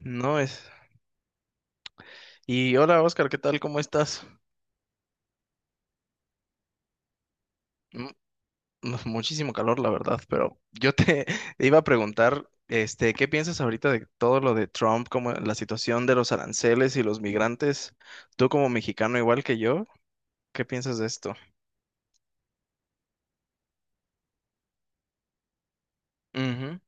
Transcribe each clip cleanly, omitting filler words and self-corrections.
No es. Y hola Oscar, ¿qué tal? ¿Cómo estás? Mm, no, Muchísimo calor, la verdad, pero yo te iba a preguntar, ¿qué piensas ahorita de todo lo de Trump, como la situación de los aranceles y los migrantes? Tú como mexicano igual que yo, ¿qué piensas de esto? Ujú,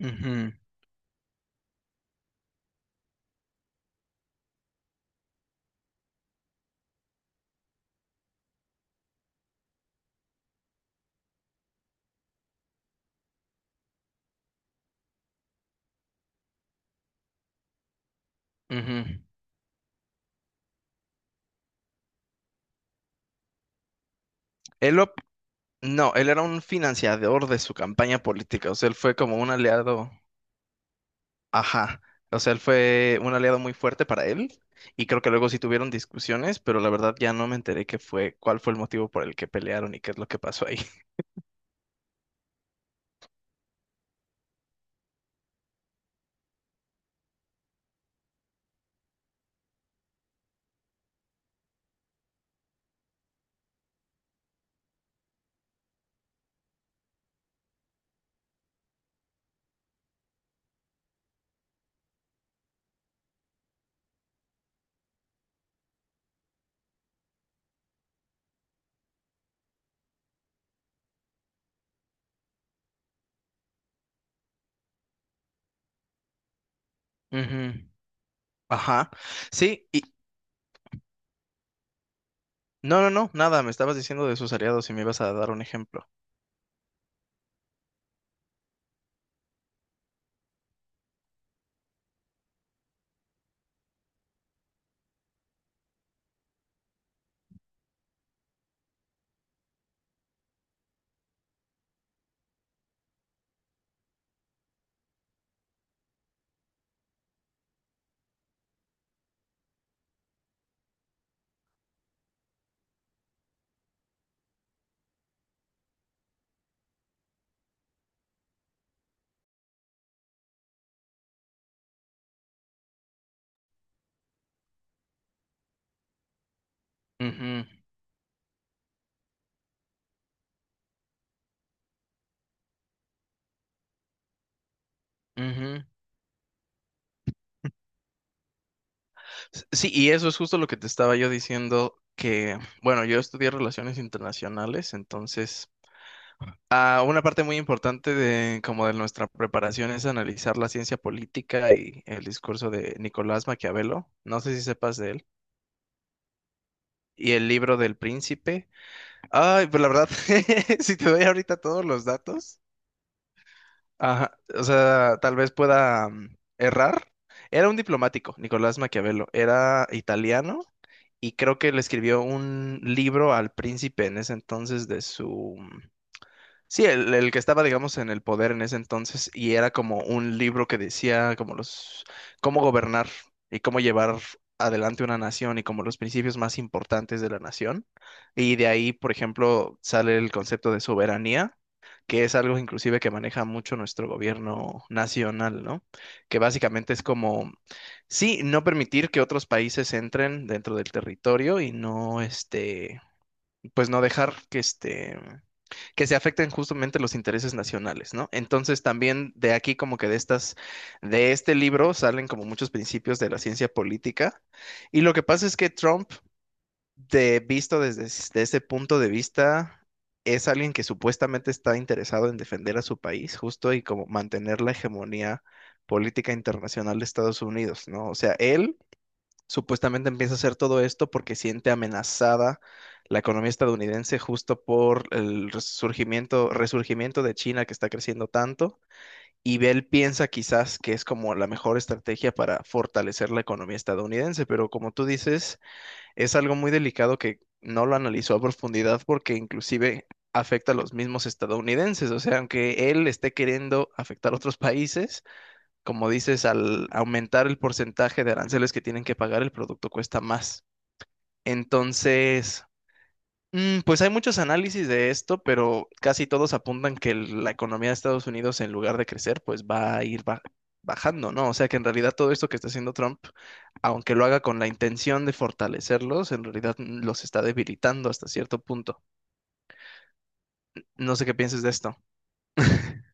ujú, ujú. Él lo- no, él era un financiador de su campaña política, o sea, él fue como un aliado. Ajá, o sea, él fue un aliado muy fuerte para él y creo que luego sí tuvieron discusiones, pero la verdad ya no me enteré qué fue, cuál fue el motivo por el que pelearon y qué es lo que pasó ahí. Ujú. Ajá, sí, y no, no, no, nada, me estabas diciendo de sus aliados y me ibas a dar un ejemplo. Ujú, ujú. Sí, y eso es justo lo que te estaba yo diciendo, que, bueno, yo estudié relaciones internacionales, entonces... Ah, una parte muy importante de como de nuestra preparación es analizar la ciencia política y el discurso de Nicolás Maquiavelo. No sé si sepas de él. Y el libro del príncipe. Ay, pues la verdad, si te doy ahorita todos los datos, ajá, o sea, tal vez pueda errar. Era un diplomático, Nicolás Maquiavelo. Era italiano y creo que le escribió un libro al príncipe en ese entonces de su sí, el que estaba, digamos, en el poder en ese entonces y era como un libro que decía como los, cómo gobernar y cómo llevar adelante una nación y como los principios más importantes de la nación. Y de ahí, por ejemplo, sale el concepto de soberanía, que es algo inclusive que maneja mucho nuestro gobierno nacional, ¿no? Que básicamente es como, sí, no permitir que otros países entren dentro del territorio y no, este, pues no dejar que que se afecten justamente los intereses nacionales, ¿no? Entonces también de aquí como que de estas, de este libro salen como muchos principios de la ciencia política y lo que pasa es que Trump, de, visto desde, de ese punto de vista, es alguien que supuestamente está interesado en defender a su país justo y como mantener la hegemonía política internacional de Estados Unidos, ¿no? O sea, él supuestamente empieza a hacer todo esto porque siente amenazada la economía estadounidense justo por el resurgimiento, resurgimiento de China que está creciendo tanto. Y Bell piensa quizás que es como la mejor estrategia para fortalecer la economía estadounidense, pero como tú dices, es algo muy delicado que no lo analizó a profundidad porque inclusive afecta a los mismos estadounidenses. O sea, aunque él esté queriendo afectar a otros países, como dices, al aumentar el porcentaje de aranceles que tienen que pagar, el producto cuesta más. Entonces, pues hay muchos análisis de esto, pero casi todos apuntan que la economía de Estados Unidos, en lugar de crecer, pues va a ir bajando, ¿no? O sea que en realidad todo esto que está haciendo Trump, aunque lo haga con la intención de fortalecerlos, en realidad los está debilitando hasta cierto punto. No sé qué pienses de esto.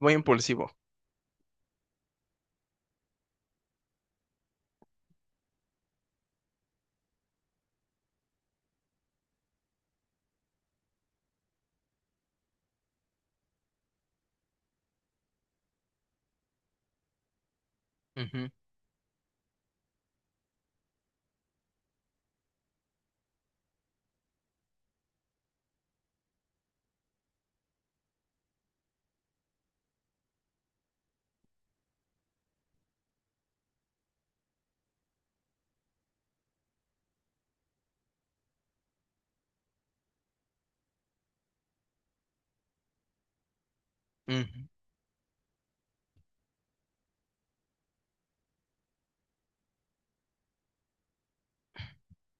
Muy impulsivo. Ujú, ujú,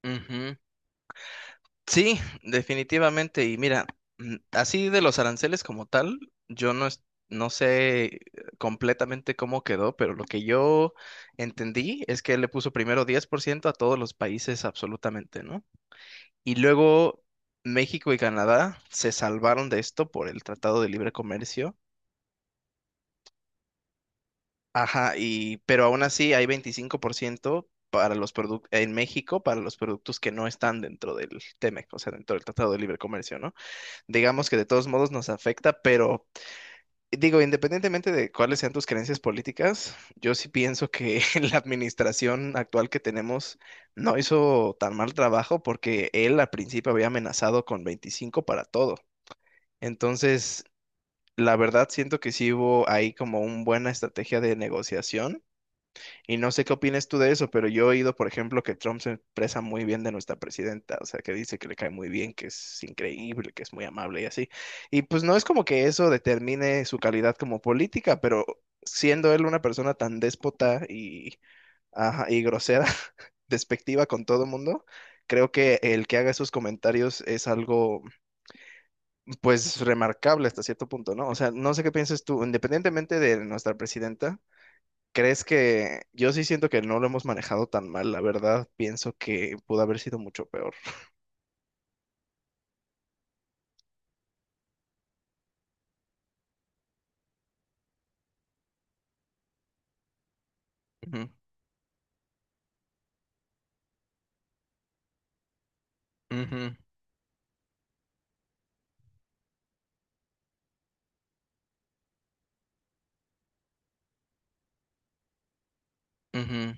ujú. Sí, definitivamente. Y mira, así de los aranceles como tal, yo no, es- no sé completamente cómo quedó, pero lo que yo entendí es que él le puso primero 10% a todos los países absolutamente, ¿no? Y luego México y Canadá se salvaron de esto por el Tratado de Libre Comercio. Ajá, y pero aún así hay 25% para los productos en México para los productos que no están dentro del TEMEC, o sea, dentro del Tratado de Libre Comercio, ¿no? Digamos que de todos modos nos afecta, pero digo, independientemente de cuáles sean tus creencias políticas, yo sí pienso que la administración actual que tenemos no hizo tan mal trabajo porque él al principio había amenazado con 25 para todo. Entonces, la verdad siento que sí hubo ahí como una buena estrategia de negociación y no sé qué opinas tú de eso, pero yo he oído, por ejemplo, que Trump se expresa muy bien de nuestra presidenta, o sea, que dice que le cae muy bien, que es increíble, que es muy amable y así. Y pues no es como que eso determine su calidad como política, pero siendo él una persona tan déspota y, ajá, y grosera, despectiva con todo el mundo, creo que el que haga esos comentarios es algo, pues, remarcable hasta cierto punto, ¿no? O sea, no sé qué piensas tú, independientemente de nuestra presidenta. ¿Crees que yo sí siento que no lo hemos manejado tan mal, la verdad, pienso que pudo haber sido mucho peor. Ujú, ujú, ujú.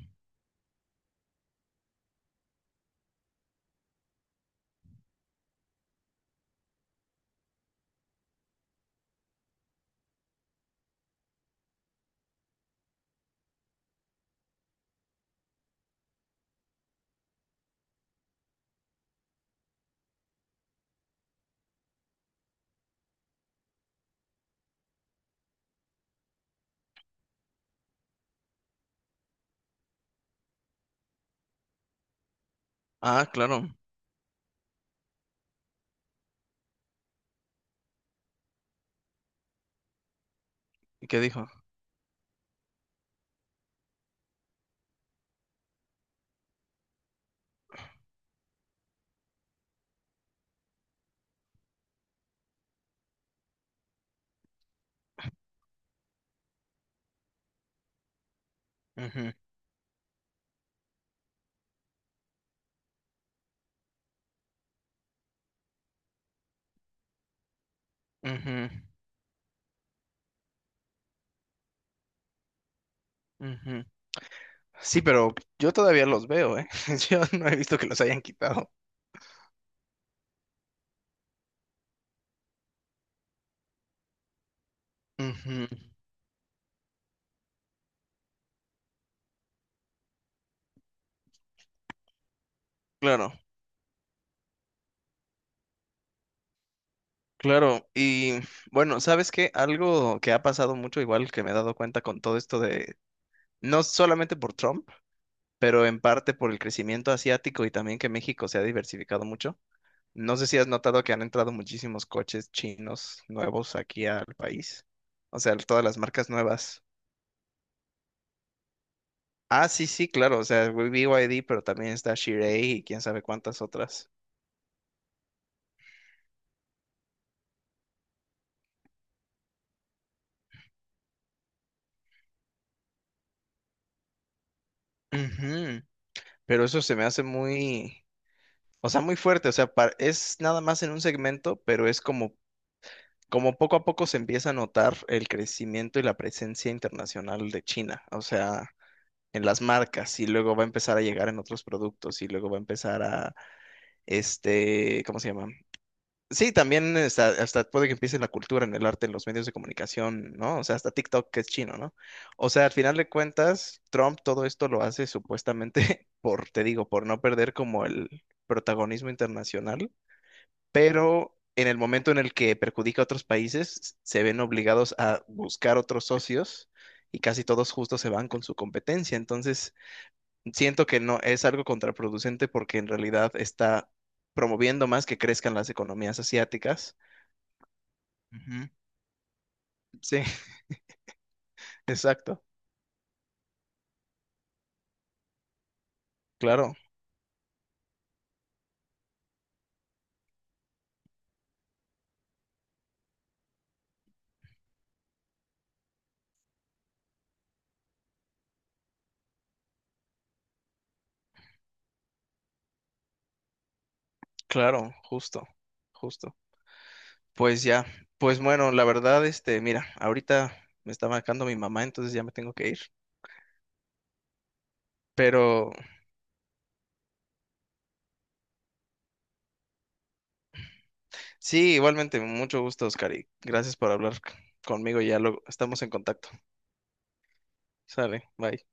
Ah, claro. ¿Y qué dijo? Ujú, ujú, ujú, sí, pero yo todavía los veo, ¿eh? Yo no he visto que los hayan quitado. Ujú. Claro, claro. Y bueno, ¿sabes qué? Algo que ha pasado mucho, igual que me he dado cuenta con todo esto de, no solamente por Trump, pero en parte por el crecimiento asiático y también que México se ha diversificado mucho. No sé si has notado que han entrado muchísimos coches chinos nuevos aquí al país. O sea, todas las marcas nuevas. Ah, sí, sí, claro. O sea, B y BYD, pero también está Chery y quién sabe cuántas otras. Ujú. Pero eso se me hace muy, o sea, muy fuerte. O sea, es nada más en un segmento, pero es como, como poco a poco se empieza a notar el crecimiento y la presencia internacional de China. O sea, en las marcas y luego va a empezar a llegar en otros productos y luego va a empezar a este, ¿cómo se llama? Sí, también hasta puede que empiece en la cultura, en el arte, en los medios de comunicación, ¿no? O sea, hasta TikTok que es chino, ¿no? O sea, al final de cuentas, Trump todo esto lo hace supuestamente por, te digo, por no perder como el protagonismo internacional, pero en el momento en el que perjudica a otros países, se ven obligados a buscar otros socios y casi todos justo se van con su competencia. Entonces, siento que no es algo contraproducente porque en realidad está promoviendo más que crezcan las economías asiáticas. Ujú. Sí, exacto. Claro, claro, justo, justo. Pues ya, pues bueno, la verdad, este, mira, ahorita me está marcando mi mamá, entonces ya me tengo que ir. Pero sí, igualmente, mucho gusto, Oscar, y gracias por hablar conmigo, ya luego estamos en contacto. Sale, bye.